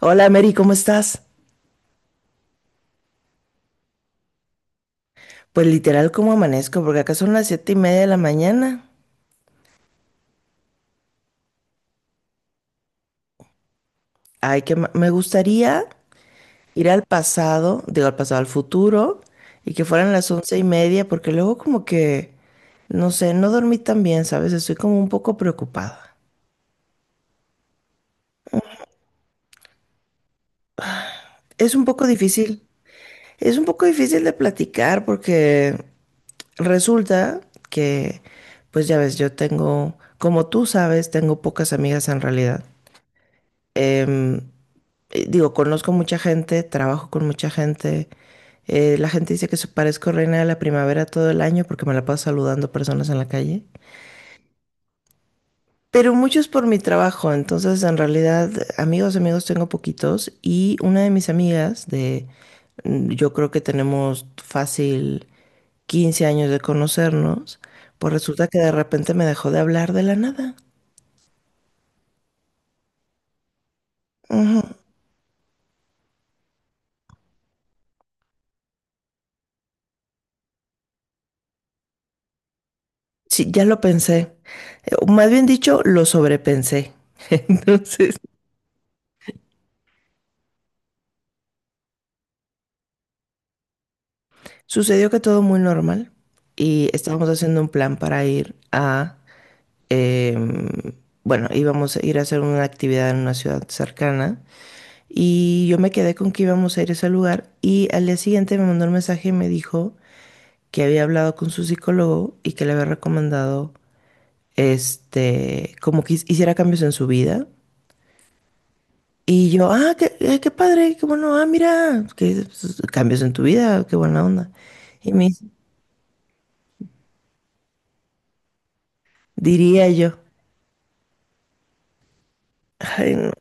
Hola Mary, ¿cómo estás? Pues literal, ¿cómo amanezco? Porque acá son las 7:30 de la mañana. Ay, que me gustaría ir al pasado, digo al pasado, al futuro, y que fueran las 11:30, porque luego como que, no sé, no dormí tan bien, ¿sabes? Estoy como un poco preocupada. Es un poco difícil, es un poco difícil de platicar porque resulta que, pues ya ves, yo tengo, como tú sabes, tengo pocas amigas en realidad. Em, Digo, conozco mucha gente, trabajo con mucha gente. La gente dice que parezco reina de la primavera todo el año porque me la paso saludando personas en la calle. Pero muchos por mi trabajo, entonces en realidad amigos, amigos tengo poquitos y una de mis amigas de, yo creo que tenemos fácil 15 años de conocernos, pues resulta que de repente me dejó de hablar de la nada. Ujú. Sí, ya lo pensé. O más bien dicho, lo sobrepensé. Entonces, sucedió que todo muy normal y estábamos haciendo un plan para ir a, em, bueno, íbamos a ir a hacer una actividad en una ciudad cercana y yo me quedé con que íbamos a ir a ese lugar y al día siguiente me mandó un mensaje y me dijo que había hablado con su psicólogo y que le había recomendado, como que hiciera cambios en su vida. Y yo, ah, qué padre, qué bueno, ah, mira, que pues, cambios en tu vida, qué buena onda. Y me dice, diría yo.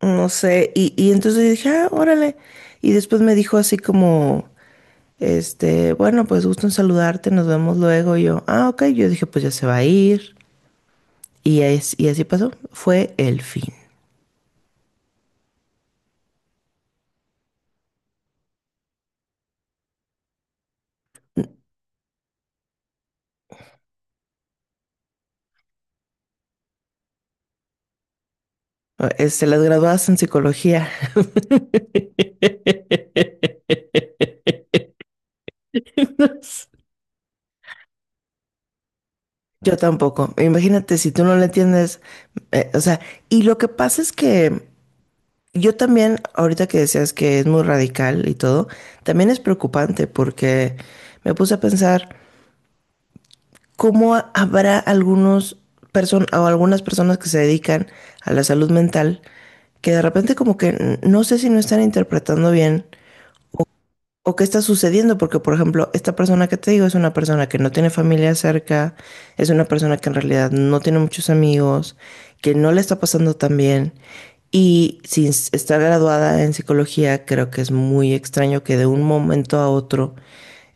No sé, y entonces dije, ah, órale. Y después me dijo así como, bueno, pues gusto en saludarte, nos vemos luego. Y yo, ah, ok. Yo dije, pues ya se va a ir. Y así pasó. Fue el fin. Las graduadas en psicología. Yo tampoco. Imagínate si tú no le entiendes, o sea, y lo que pasa es que yo también, ahorita que decías que es muy radical y todo, también es preocupante porque me puse a pensar, ¿cómo habrá algunos person o algunas personas que se dedican a la salud mental que de repente como que no sé si no están interpretando bien o qué está sucediendo? Porque por ejemplo, esta persona que te digo es una persona que no tiene familia cerca, es una persona que en realidad no tiene muchos amigos, que no le está pasando tan bien. Y sin estar graduada en psicología, creo que es muy extraño que de un momento a otro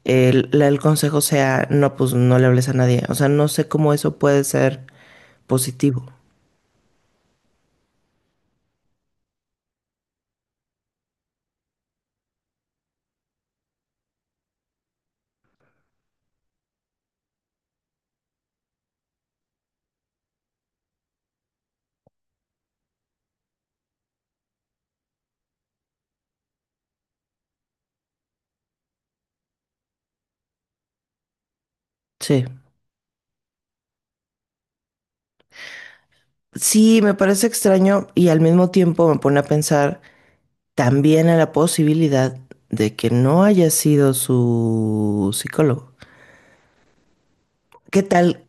el consejo sea, no, pues no le hables a nadie. O sea, no sé cómo eso puede ser positivo. Sí. Sí, me parece extraño y al mismo tiempo me pone a pensar también a la posibilidad de que no haya sido su psicólogo. ¿Qué tal?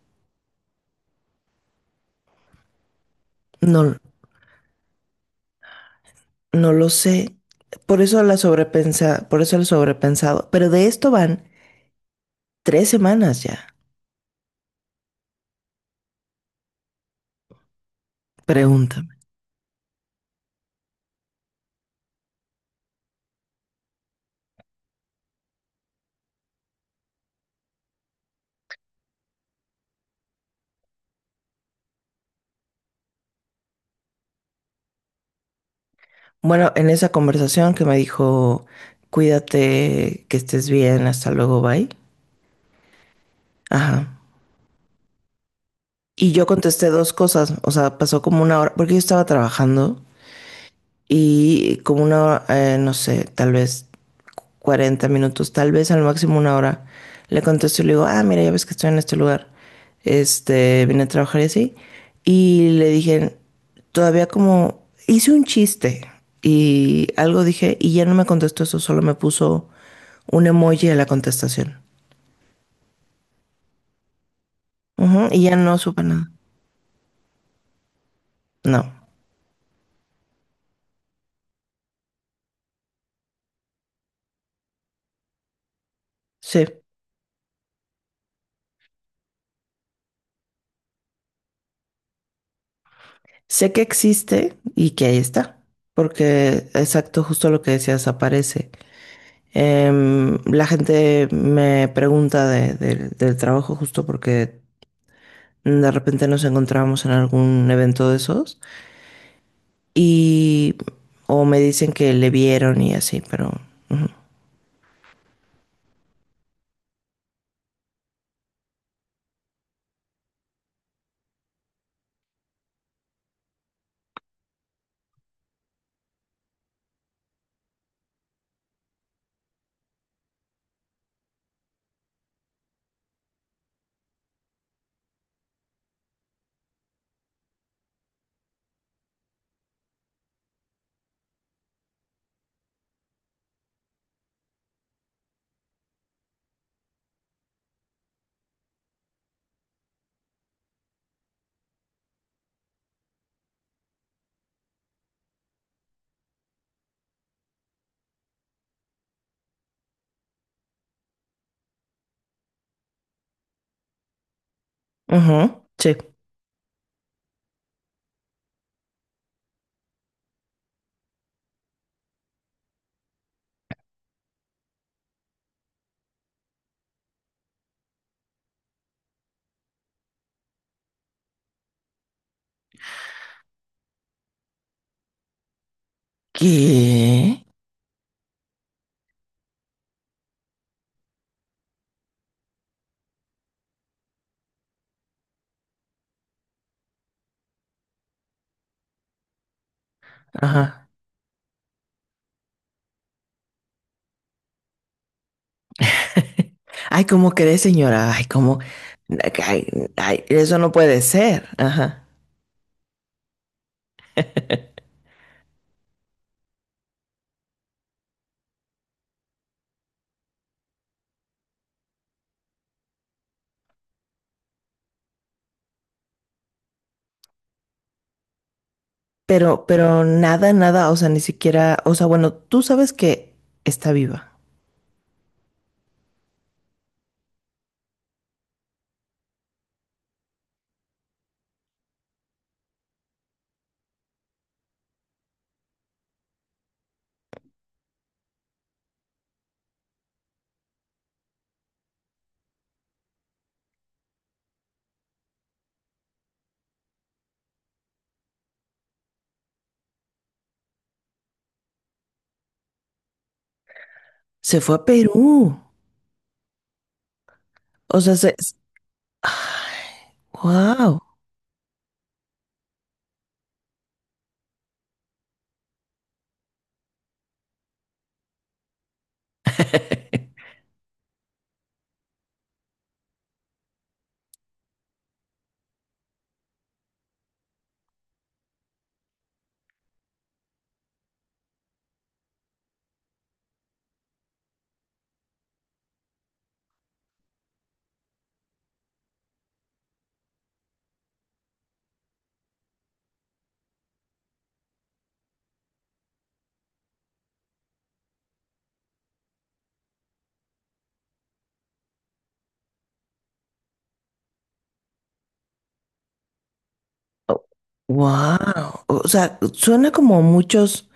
No, no lo sé. Por eso la sobrepensa, por eso lo sobrepensado. Pero de esto van 3 semanas ya. Pregúntame. Bueno, en esa conversación que me dijo, cuídate, que estés bien, hasta luego, bye. Ajá. Y yo contesté dos cosas, o sea, pasó como una hora, porque yo estaba trabajando y como una hora, no sé, tal vez 40 minutos, tal vez al máximo una hora, le contesto y le digo, ah, mira, ya ves que estoy en este lugar, vine a trabajar y así, y le dije, todavía como, hice un chiste y algo dije, y ya no me contestó eso, solo me puso un emoji a la contestación. Ujú, y ya no supe nada. No, sí. Sé que existe y que ahí está, porque exacto, justo lo que decías, aparece. La gente me pregunta del trabajo justo porque de repente nos encontramos en algún evento de esos y o me dicen que le vieron y así, pero ujú. Ujú, sí. ¿Qué? Ajá. Ay, ¿cómo crees, señora? Ay, ¿cómo? Ay, ay, eso no puede ser. Ajá. Pero nada, nada, o sea, ni siquiera, o sea, bueno, tú sabes que está viva. Se fue a Perú. O sea, se... wow. Wow. O sea, suena como muchos.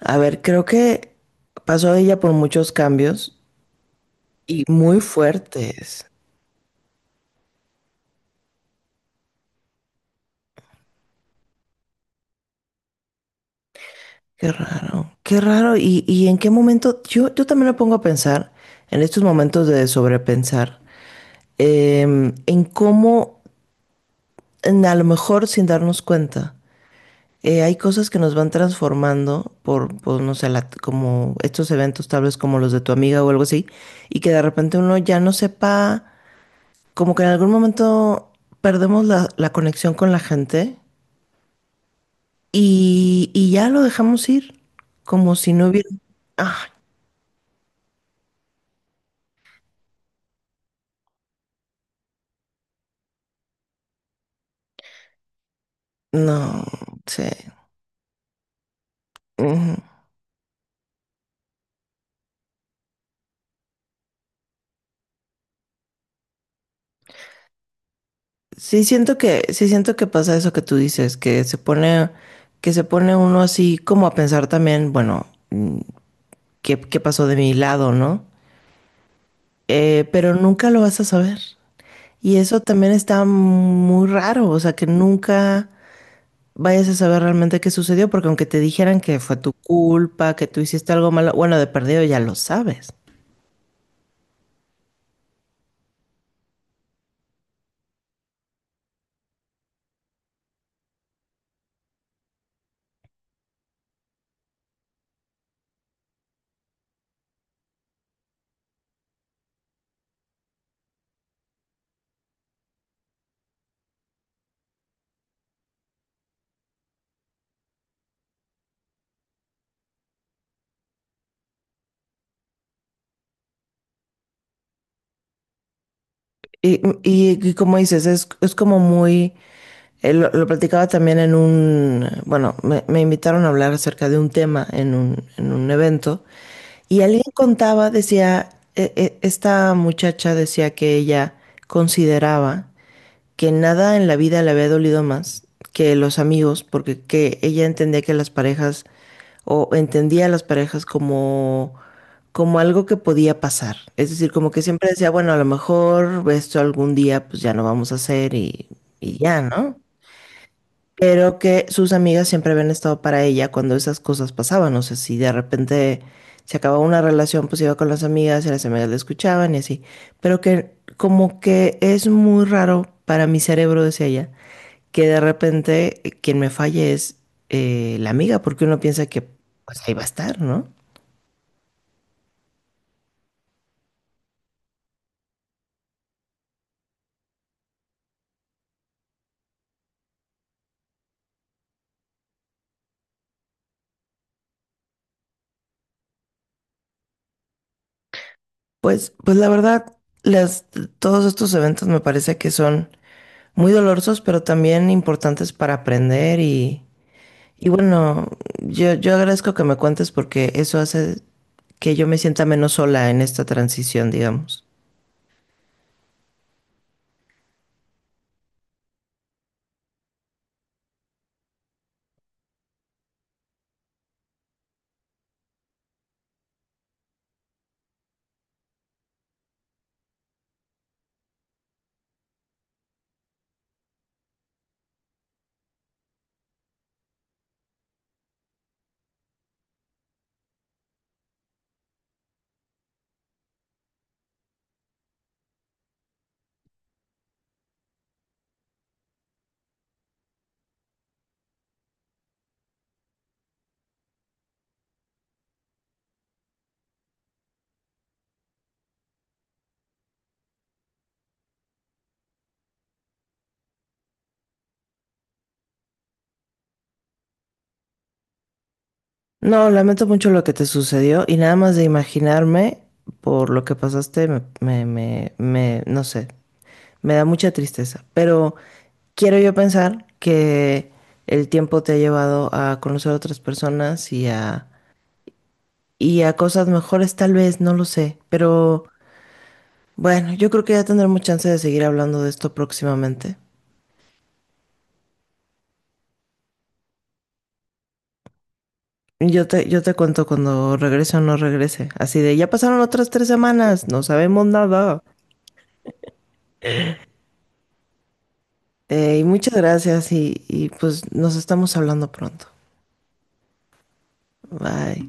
A ver, creo que pasó ella por muchos cambios y muy fuertes. Qué raro, qué raro. ¿Y en qué momento? Yo también me pongo a pensar en estos momentos de sobrepensar, en cómo, a lo mejor sin darnos cuenta. Hay cosas que nos van transformando por, pues, no sé, como estos eventos tal vez como los de tu amiga o algo así, y que de repente uno ya no sepa, como que en algún momento perdemos la conexión con la gente y ya lo dejamos ir, como si no hubiera... Ah, no sé. Ujú. Sí siento que pasa eso que tú dices, que se pone uno así como a pensar también, bueno, ¿qué pasó de mi lado, no? Pero nunca lo vas a saber. Y eso también está muy raro, o sea, que nunca vayas a saber realmente qué sucedió, porque aunque te dijeran que fue tu culpa, que tú hiciste algo malo, bueno, de perdido ya lo sabes. Y como dices, es, como muy, lo platicaba también en un, bueno, me invitaron a hablar acerca de un tema en un evento. Y alguien contaba, decía, esta muchacha decía que ella consideraba que nada en la vida le había dolido más que los amigos, porque que ella entendía que las parejas, o entendía a las parejas como algo que podía pasar. Es decir, como que siempre decía, bueno, a lo mejor esto algún día pues ya no vamos a hacer y ya, ¿no? Pero que sus amigas siempre habían estado para ella cuando esas cosas pasaban. O sea, si de repente se acababa una relación, pues iba con las amigas y las amigas le escuchaban y así. Pero que como que es muy raro para mi cerebro, decía ella, que de repente quien me falle es la amiga, porque uno piensa que pues ahí va a estar, ¿no? Pues la verdad, las, todos estos eventos me parece que son muy dolorosos, pero también importantes para aprender y bueno, yo agradezco que me cuentes porque eso hace que yo me sienta menos sola en esta transición, digamos. No, lamento mucho lo que te sucedió y nada más de imaginarme por lo que pasaste, no sé. Me da mucha tristeza, pero quiero yo pensar que el tiempo te ha llevado a conocer a otras personas y a cosas mejores, tal vez, no lo sé, pero bueno, yo creo que ya tendremos chance de seguir hablando de esto próximamente. Yo te cuento cuando regrese o no regrese, así de, ya pasaron otras 3 semanas, no sabemos nada. Y muchas gracias y pues nos estamos hablando pronto. Bye.